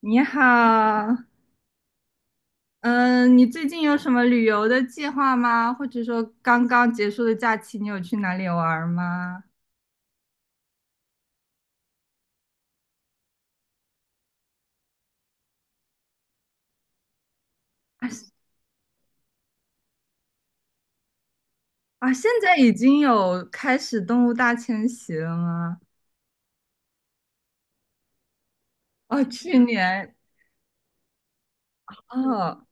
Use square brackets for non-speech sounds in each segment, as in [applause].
你好，嗯，你最近有什么旅游的计划吗？或者说刚刚结束的假期，你有去哪里玩儿吗？啊是啊，现在已经有开始动物大迁徙了吗？哦，去年哦，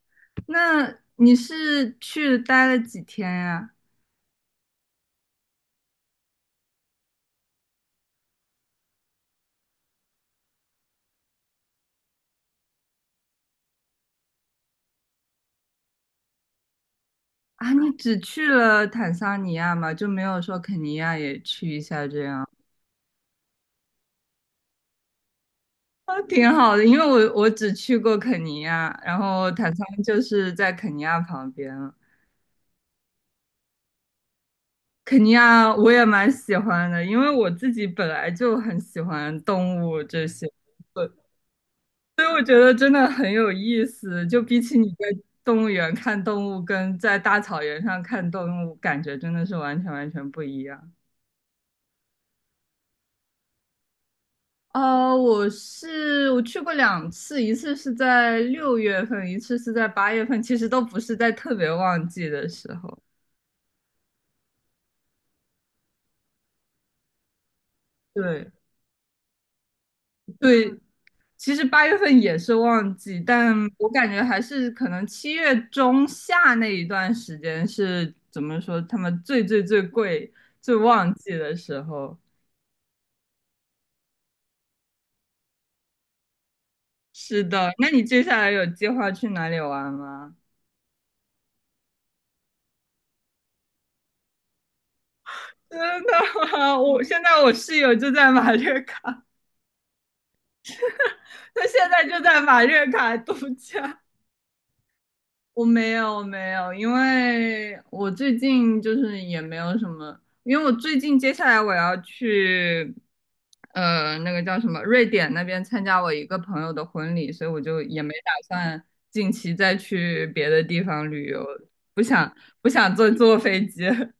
那你是去待了几天呀？啊，你只去了坦桑尼亚吗？就没有说肯尼亚也去一下这样？啊，挺好的，因为我只去过肯尼亚，然后坦桑就是在肯尼亚旁边。肯尼亚我也蛮喜欢的，因为我自己本来就很喜欢动物这些，所以我觉得真的很有意思。就比起你在动物园看动物，跟在大草原上看动物，感觉真的是完全完全不一样。我去过两次，一次是在六月份，一次是在八月份，其实都不是在特别旺季的时候。对，对，其实八月份也是旺季，但我感觉还是可能七月中下那一段时间是怎么说，他们最最最贵、最旺季的时候。是的，那你接下来有计划去哪里玩吗？[laughs] 真的吗？我室友就在马略卡，他现在就在马略卡度假。我没有，因为我最近就是也没有什么，因为我最近接下来我要去，那个叫什么，瑞典那边参加我一个朋友的婚礼，所以我就也没打算近期再去别的地方旅游，不想不想坐飞机。[laughs]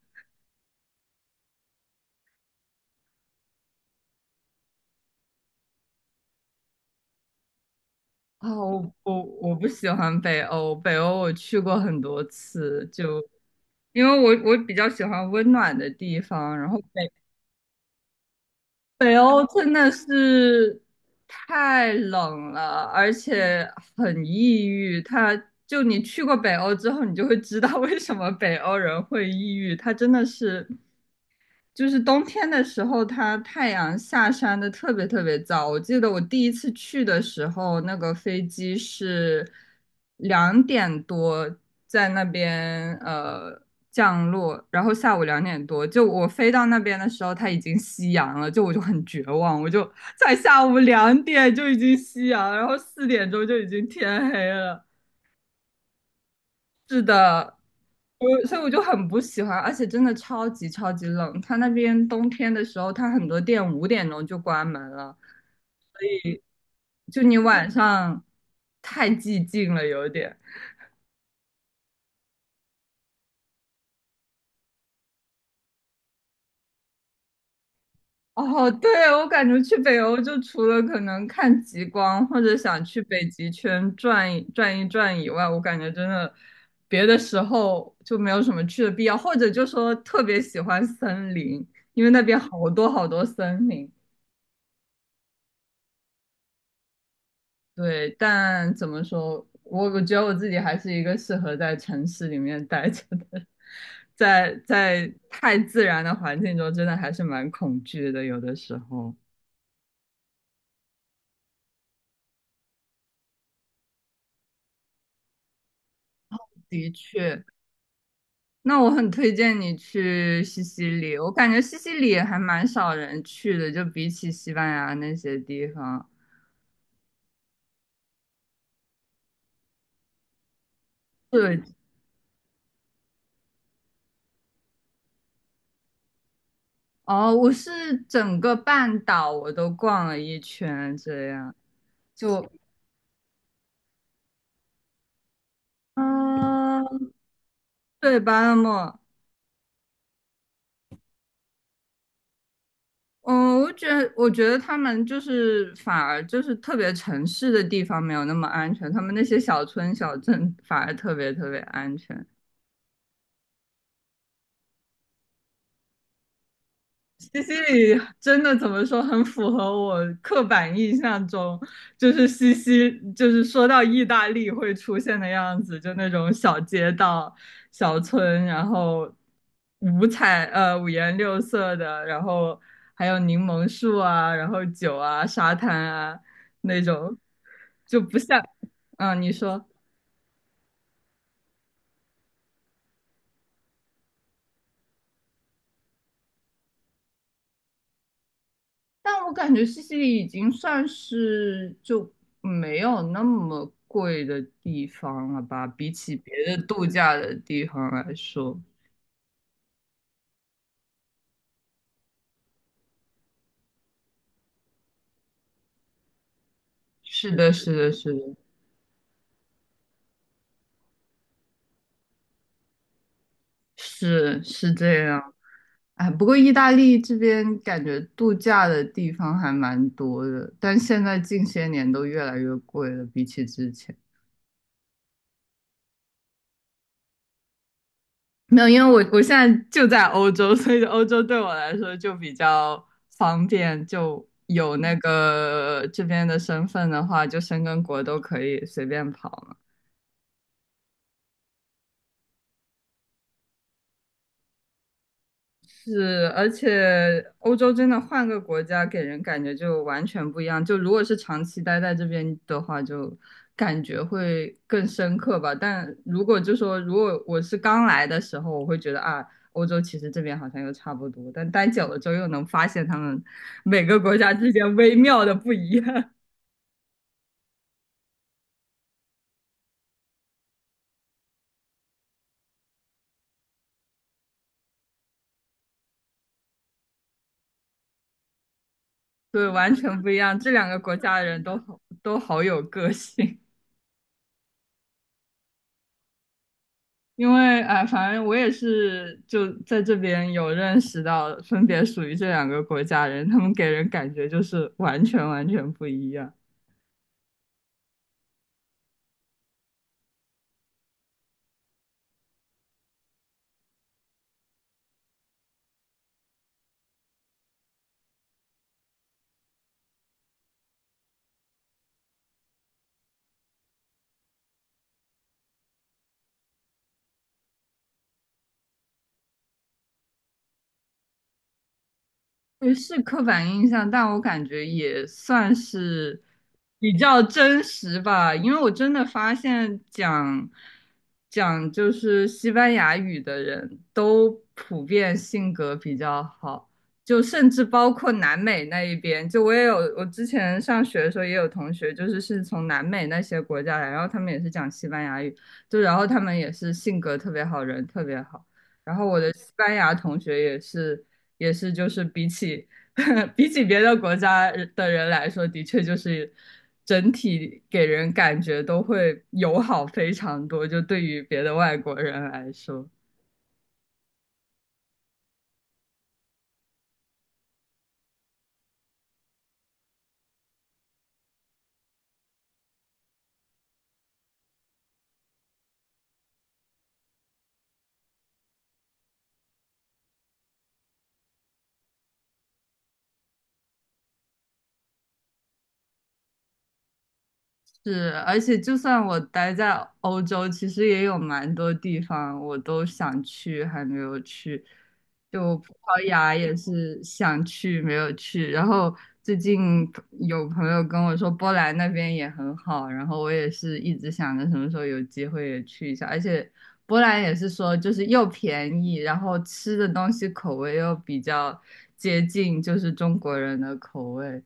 啊，我不喜欢北欧，北欧我去过很多次，就因为我比较喜欢温暖的地方，然后北欧真的是太冷了，而且很抑郁。它就你去过北欧之后，你就会知道为什么北欧人会抑郁。他真的是就是冬天的时候，它太阳下山的特别特别早。我记得我第一次去的时候，那个飞机是两点多在那边降落，然后下午两点多，就我飞到那边的时候，它已经夕阳了，就我就很绝望，我就在下午两点就已经夕阳，然后四点钟就已经天黑了。是的，所以我就很不喜欢，而且真的超级超级冷。它那边冬天的时候，它很多店五点钟就关门了，所以就你晚上太寂静了，有点。哦，对，我感觉去北欧就除了可能看极光或者想去北极圈转一转以外，我感觉真的别的时候就没有什么去的必要，或者就说特别喜欢森林，因为那边好多好多森林。对，但怎么说，我觉得我自己还是一个适合在城市里面待着的，[laughs] 在太自然的环境中，真的还是蛮恐惧的，有的时候。的确，那我很推荐你去西西里，我感觉西西里还蛮少人去的，就比起西班牙那些地方。对，哦，我是整个半岛我都逛了一圈，这样就，嗯、对，巴勒莫。嗯，我觉得他们就是反而就是特别城市的地方没有那么安全，他们那些小村小镇反而特别特别安全。西西里真的怎么说，很符合我刻板印象中，就是就是说到意大利会出现的样子，就那种小街道、小村，然后五颜六色的，然后还有柠檬树啊，然后酒啊、沙滩啊那种，就不像，嗯，你说。但我感觉西西里已经算是就没有那么贵的地方了吧，比起别的度假的地方来说。是的，是的，是的，是是这样。哎，不过意大利这边感觉度假的地方还蛮多的，但现在近些年都越来越贵了，比起之前。没有，因为我现在就在欧洲，[laughs] 所以欧洲对我来说就比较方便，就有那个这边的身份的话，就申根国都可以随便跑了。是，而且欧洲真的换个国家，给人感觉就完全不一样。就如果是长期待在这边的话，就感觉会更深刻吧。但如果就说，如果我是刚来的时候，我会觉得啊，欧洲其实这边好像又差不多。但待久了之后，又能发现他们每个国家之间微妙的不一样，[laughs] 对，完全不一样。这两个国家的人都好，都好有个性。因为哎，反正我也是就在这边有认识到，分别属于这两个国家人，他们给人感觉就是完全完全不一样。也是刻板印象，但我感觉也算是比较真实吧，因为我真的发现讲就是西班牙语的人都普遍性格比较好，就甚至包括南美那一边，就我也有我之前上学的时候也有同学，就是是从南美那些国家来，然后他们也是讲西班牙语，就然后他们也是性格特别好，人特别好。然后我的西班牙同学也是，也是就是比起 [laughs] 比起别的国家的人来说，的确就是整体给人感觉都会友好非常多，就对于别的外国人来说。是，而且就算我待在欧洲，其实也有蛮多地方我都想去，还没有去。就葡萄牙也是想去，没有去。然后最近有朋友跟我说波兰那边也很好，然后我也是一直想着什么时候有机会也去一下。而且波兰也是说就是又便宜，然后吃的东西口味又比较接近就是中国人的口味。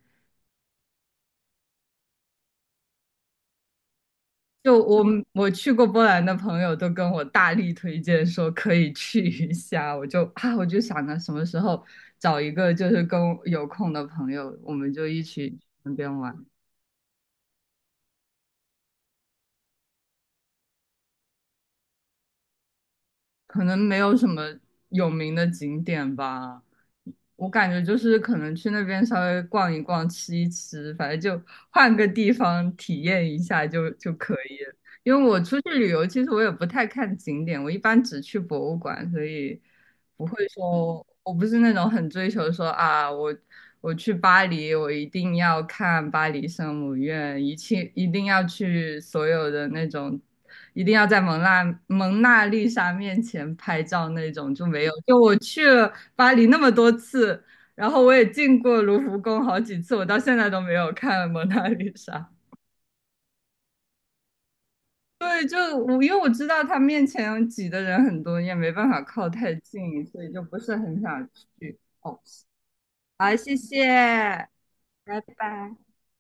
就我我去过波兰的朋友都跟我大力推荐说可以去一下，我就想着什么时候找一个就是跟我有空的朋友，我们就一起去那边玩。可能没有什么有名的景点吧。我感觉就是可能去那边稍微逛一逛、吃一吃，反正就换个地方体验一下就可以了。因为我出去旅游，其实我也不太看景点，我一般只去博物馆，所以不会说，我不是那种很追求说啊，我去巴黎，我一定要看巴黎圣母院，一切一定要去所有的那种一定要在蒙娜丽莎面前拍照那种就没有。就我去了巴黎那么多次，然后我也进过卢浮宫好几次，我到现在都没有看蒙娜丽莎。对，就我因为我知道他面前挤的人很多，也没办法靠太近，所以就不是很想去。哦，好，谢谢，拜拜。